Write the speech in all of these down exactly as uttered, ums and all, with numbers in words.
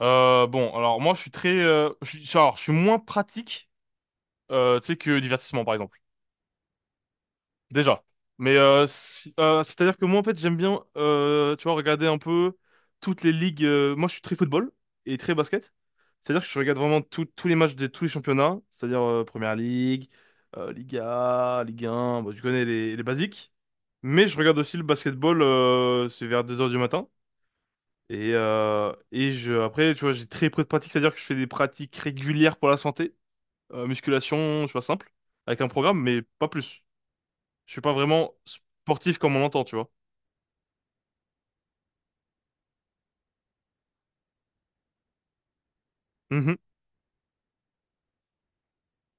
Euh, bon, alors moi je suis très, euh, je suis, alors je suis moins pratique, euh, tu sais que divertissement par exemple. Déjà. Mais euh, si- euh, c'est-à-dire que moi en fait j'aime bien, euh, tu vois, regarder un peu toutes les ligues. euh, moi je suis très football et très basket. C'est-à-dire que je regarde vraiment tout- tous les matchs de tous les championnats, c'est-à-dire euh, Première Ligue, euh, Liga, Ligue un. Bon, tu connais les, les basiques. Mais je regarde aussi le basketball, euh, c'est vers deux heures du matin. Et, euh, et je, après, tu vois, j'ai très peu de pratiques, c'est-à-dire que je fais des pratiques régulières pour la santé, euh, musculation, tu vois, simple, avec un programme, mais pas plus. Je suis pas vraiment sportif comme on l'entend, tu vois. Mhm.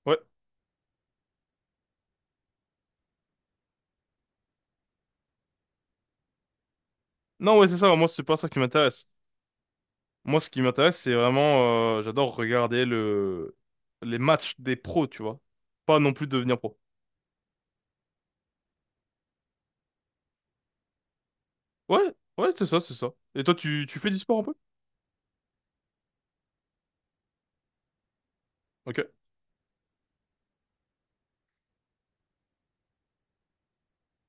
Ouais. Non, ouais, c'est ça. Moi, c'est pas ça qui m'intéresse. Moi, ce qui m'intéresse, c'est vraiment, euh, j'adore regarder le, les matchs des pros, tu vois. Pas non plus devenir pro. Ouais, ouais, c'est ça, c'est ça. Et toi, tu, tu fais du sport un peu? Ok,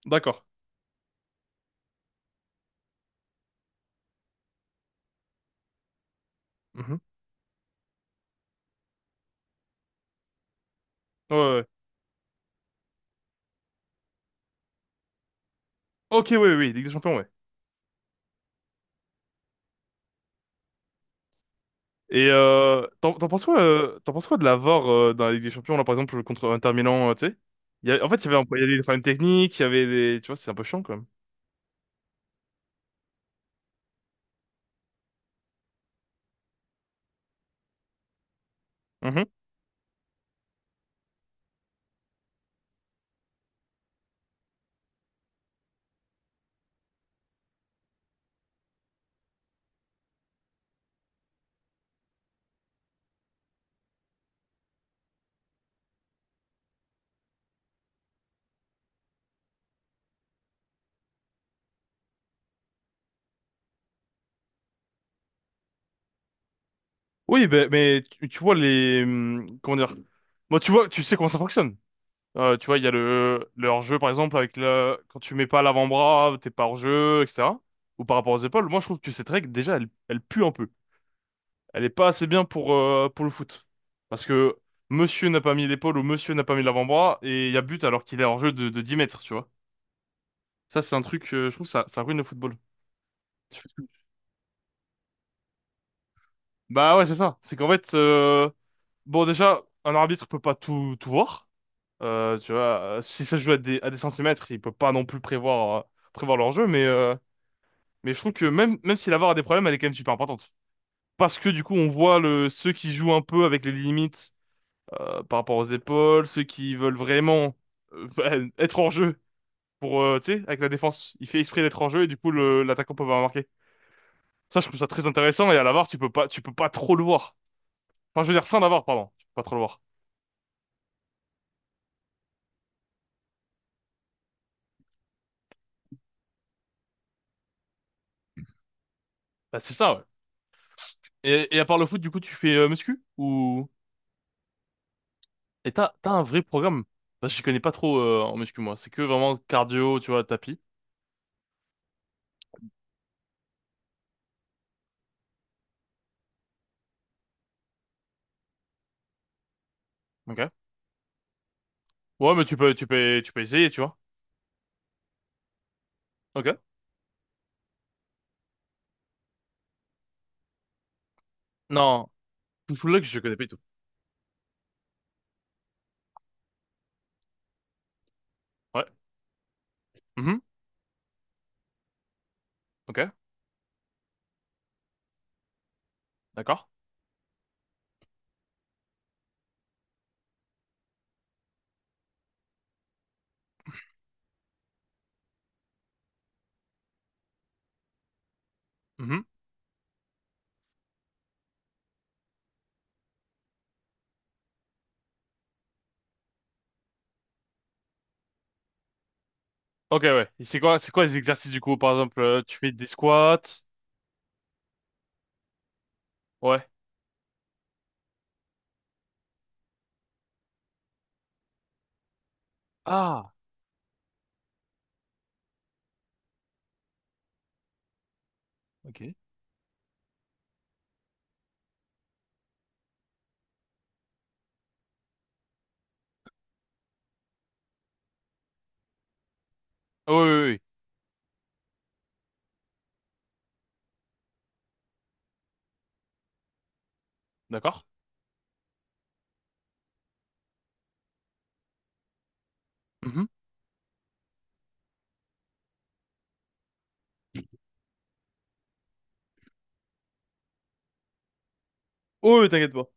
d'accord. Mhm. Ouais, ouais. Ok, oui, oui, Ligue des Champions, ouais. Et euh, t'en t'en penses quoi, euh, t'en penses quoi de la V A R euh, dans la Ligue des Champions là par exemple contre Inter Milan, euh, tu sais? Il y a- en fait, il y avait, un- il y avait des problèmes techniques, il y avait des, tu vois, c'est un peu chiant quand même. Mhm. Oui, ben mais tu, tu vois les, hum, comment dire? Moi, tu vois, tu sais comment ça fonctionne. Euh, tu vois, il y a le, le hors-jeu par exemple avec le, quand tu mets pas l'avant-bras, t'es pas hors-jeu, et cetera. Ou par rapport aux épaules. Moi, je trouve que cette règle déjà, elle, elle pue un peu. Elle est pas assez bien pour euh, pour le foot. Parce que monsieur n'a pas mis l'épaule ou monsieur n'a pas mis l'avant-bras et il y a but alors qu'il est hors jeu de, de dix mètres, tu vois. Ça, c'est un truc, euh, je trouve, ça, ça ruine le football. Je sais pas ce que- Bah ouais, c'est ça. C'est qu'en fait, euh, bon, déjà, un arbitre peut pas tout, tout voir. Euh, tu vois, euh, si ça se joue à des, à des centimètres, il peut pas non plus prévoir, euh, prévoir leur jeu, mais, euh, mais je trouve que même, même si la V A R a R a des problèmes, elle est quand même super importante. Parce que du coup, on voit le, ceux qui jouent un peu avec les limites par rapport aux épaules, ceux qui veulent vraiment euh, bah, être en jeu pour, euh, tu sais, avec la défense, il fait exprès d'être en jeu et du coup le- l'attaquant peut pas marquer. Ça, je trouve ça très intéressant et à la V A R, tu peux pas, tu peux pas trop le voir. Enfin, je veux dire sans la V A R, pardon, tu peux pas trop le voir. Bah, c'est ça, ouais. Et, et à part le foot, du coup, tu fais euh, muscu ou et t'as t'as un vrai programme? Parce que je connais pas trop euh, en muscu moi, c'est que vraiment cardio, tu vois, tapis. Ok. Ouais, mais tu peux, tu peux, tu peux essayer, tu vois. Ok. Non, full leg, je connais pas du tout. Ouais. Mhm. Ok. D'accord. Mhm. Ok, ouais. Et c'est quoi, c'est quoi les exercices du coup? Par exemple, euh, tu fais des squats. Ouais. Ah, ok. Ah oui, oui, oui. D'accord. Mhm. Oh, oui, t'inquiète pas.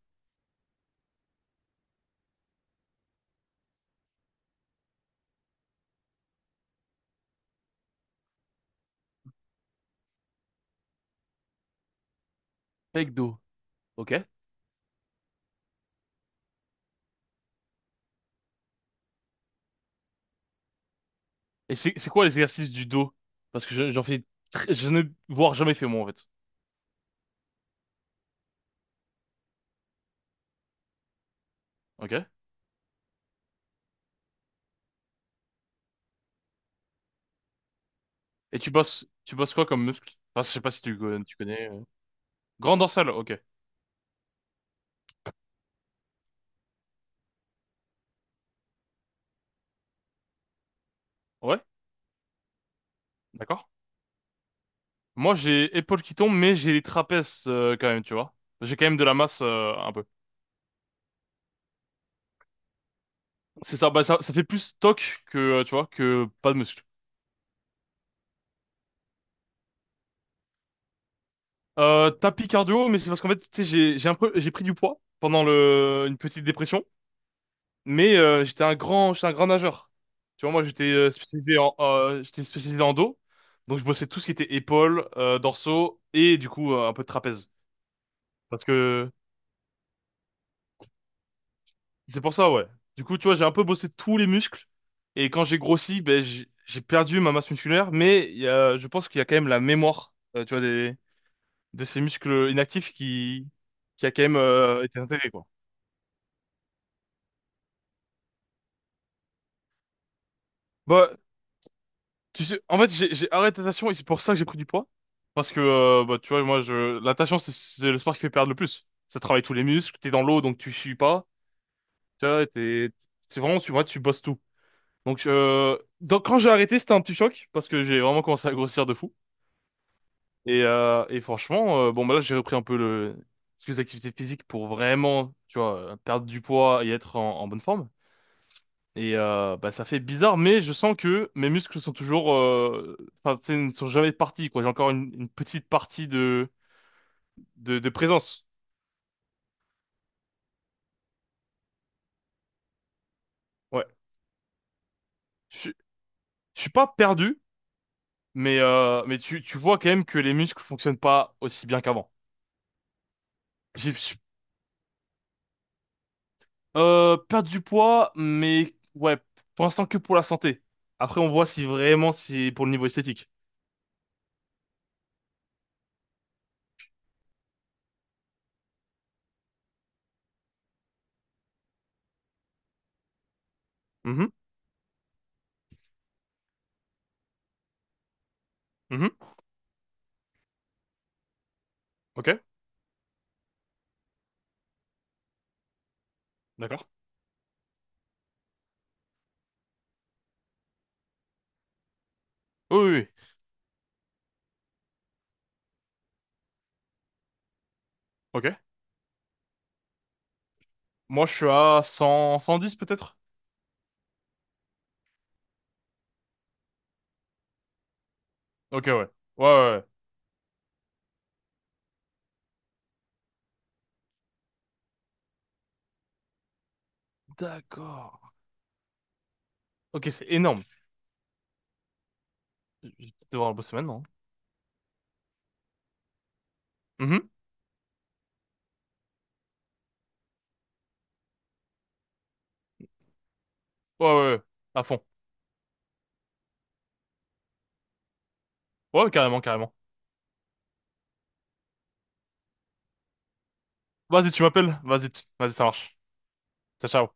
Avec dos. Ok. Et c'est, c'est quoi les exercices du dos? Parce que je- j'en fais, très- je ne voire jamais fait moi en fait. Ok. Et tu bosses, tu bosses quoi comme muscle? Enfin, je sais pas si tu, con- tu connais. euh. Grand dorsal. Ok. Ouais. D'accord. Moi, j'ai épaules qui tombent, mais j'ai les trapèzes euh, quand même, tu vois. J'ai quand même de la masse euh, un peu. C'est ça. Bah ça, ça fait plus stock que, euh, tu vois, que pas de muscle. Euh, tapis cardio, mais c'est parce qu'en fait, tu sais, j'ai j'ai un peu j'ai pris du poids pendant le une petite dépression, mais euh, j'étais un grand j'étais un grand nageur. Tu vois, moi j'étais euh, spécialisé en euh, j'étais spécialisé en dos, donc je bossais tout ce qui était épaules, euh, dorsaux et du coup euh, un peu de trapèze. Parce que c'est pour ça, ouais. Du coup, tu vois, j'ai un peu bossé tous les muscles et quand j'ai grossi, ben j'ai j'ai perdu ma masse musculaire, mais il y a, je pense qu'il y a quand même la mémoire, euh, tu vois, des de ces muscles inactifs qui qui a quand même euh, été intégrée quoi. Bah, Tu sais, en fait, j'ai j'ai arrêté la natation et c'est pour ça que j'ai pris du poids. Parce que, euh, bah, tu vois, moi, je, la natation, c'est c'est le sport qui fait perdre le plus. Ça travaille tous les muscles, t'es dans l'eau, donc tu sues pas. Tu vois, t'es, c'est vraiment, tu vois, tu bosses tout. Donc, euh, donc quand j'ai arrêté, c'était un petit choc, parce que j'ai vraiment commencé à grossir de fou. Et, euh, et franchement, euh, bon, bah là, j'ai repris un peu le, quelques activités physiques pour vraiment, tu vois, euh, perdre du poids et être en en bonne forme. Et euh, bah, ça fait bizarre, mais je sens que mes muscles sont toujours, euh, enfin, tu sais, ne sont jamais partis, quoi. J'ai encore une, une petite partie de, de, de présence. Ouais. Je, suis- je suis pas perdu, mais, euh, mais tu, tu vois quand même que les muscles fonctionnent pas aussi bien qu'avant. J'ai j'ai- euh, perdu du poids, mais ouais, pour l'instant que pour la santé. Après, on voit si vraiment c'est pour le niveau esthétique. Mhm, mhm, ok, d'accord. Oui, oui, oui, ok. Moi, je suis à cent cent dix peut-être? Ok, ouais. Ouais, ouais. D'accord. Ok, c'est énorme. Je vais peut-être devoir le bosser maintenant. hein. Mhm. Ouais, ouais, ouais. À fond. Ouais, carrément, carrément. Vas-y, tu m'appelles. Vas-y, tu- vas-y, ça marche. Ciao, ciao.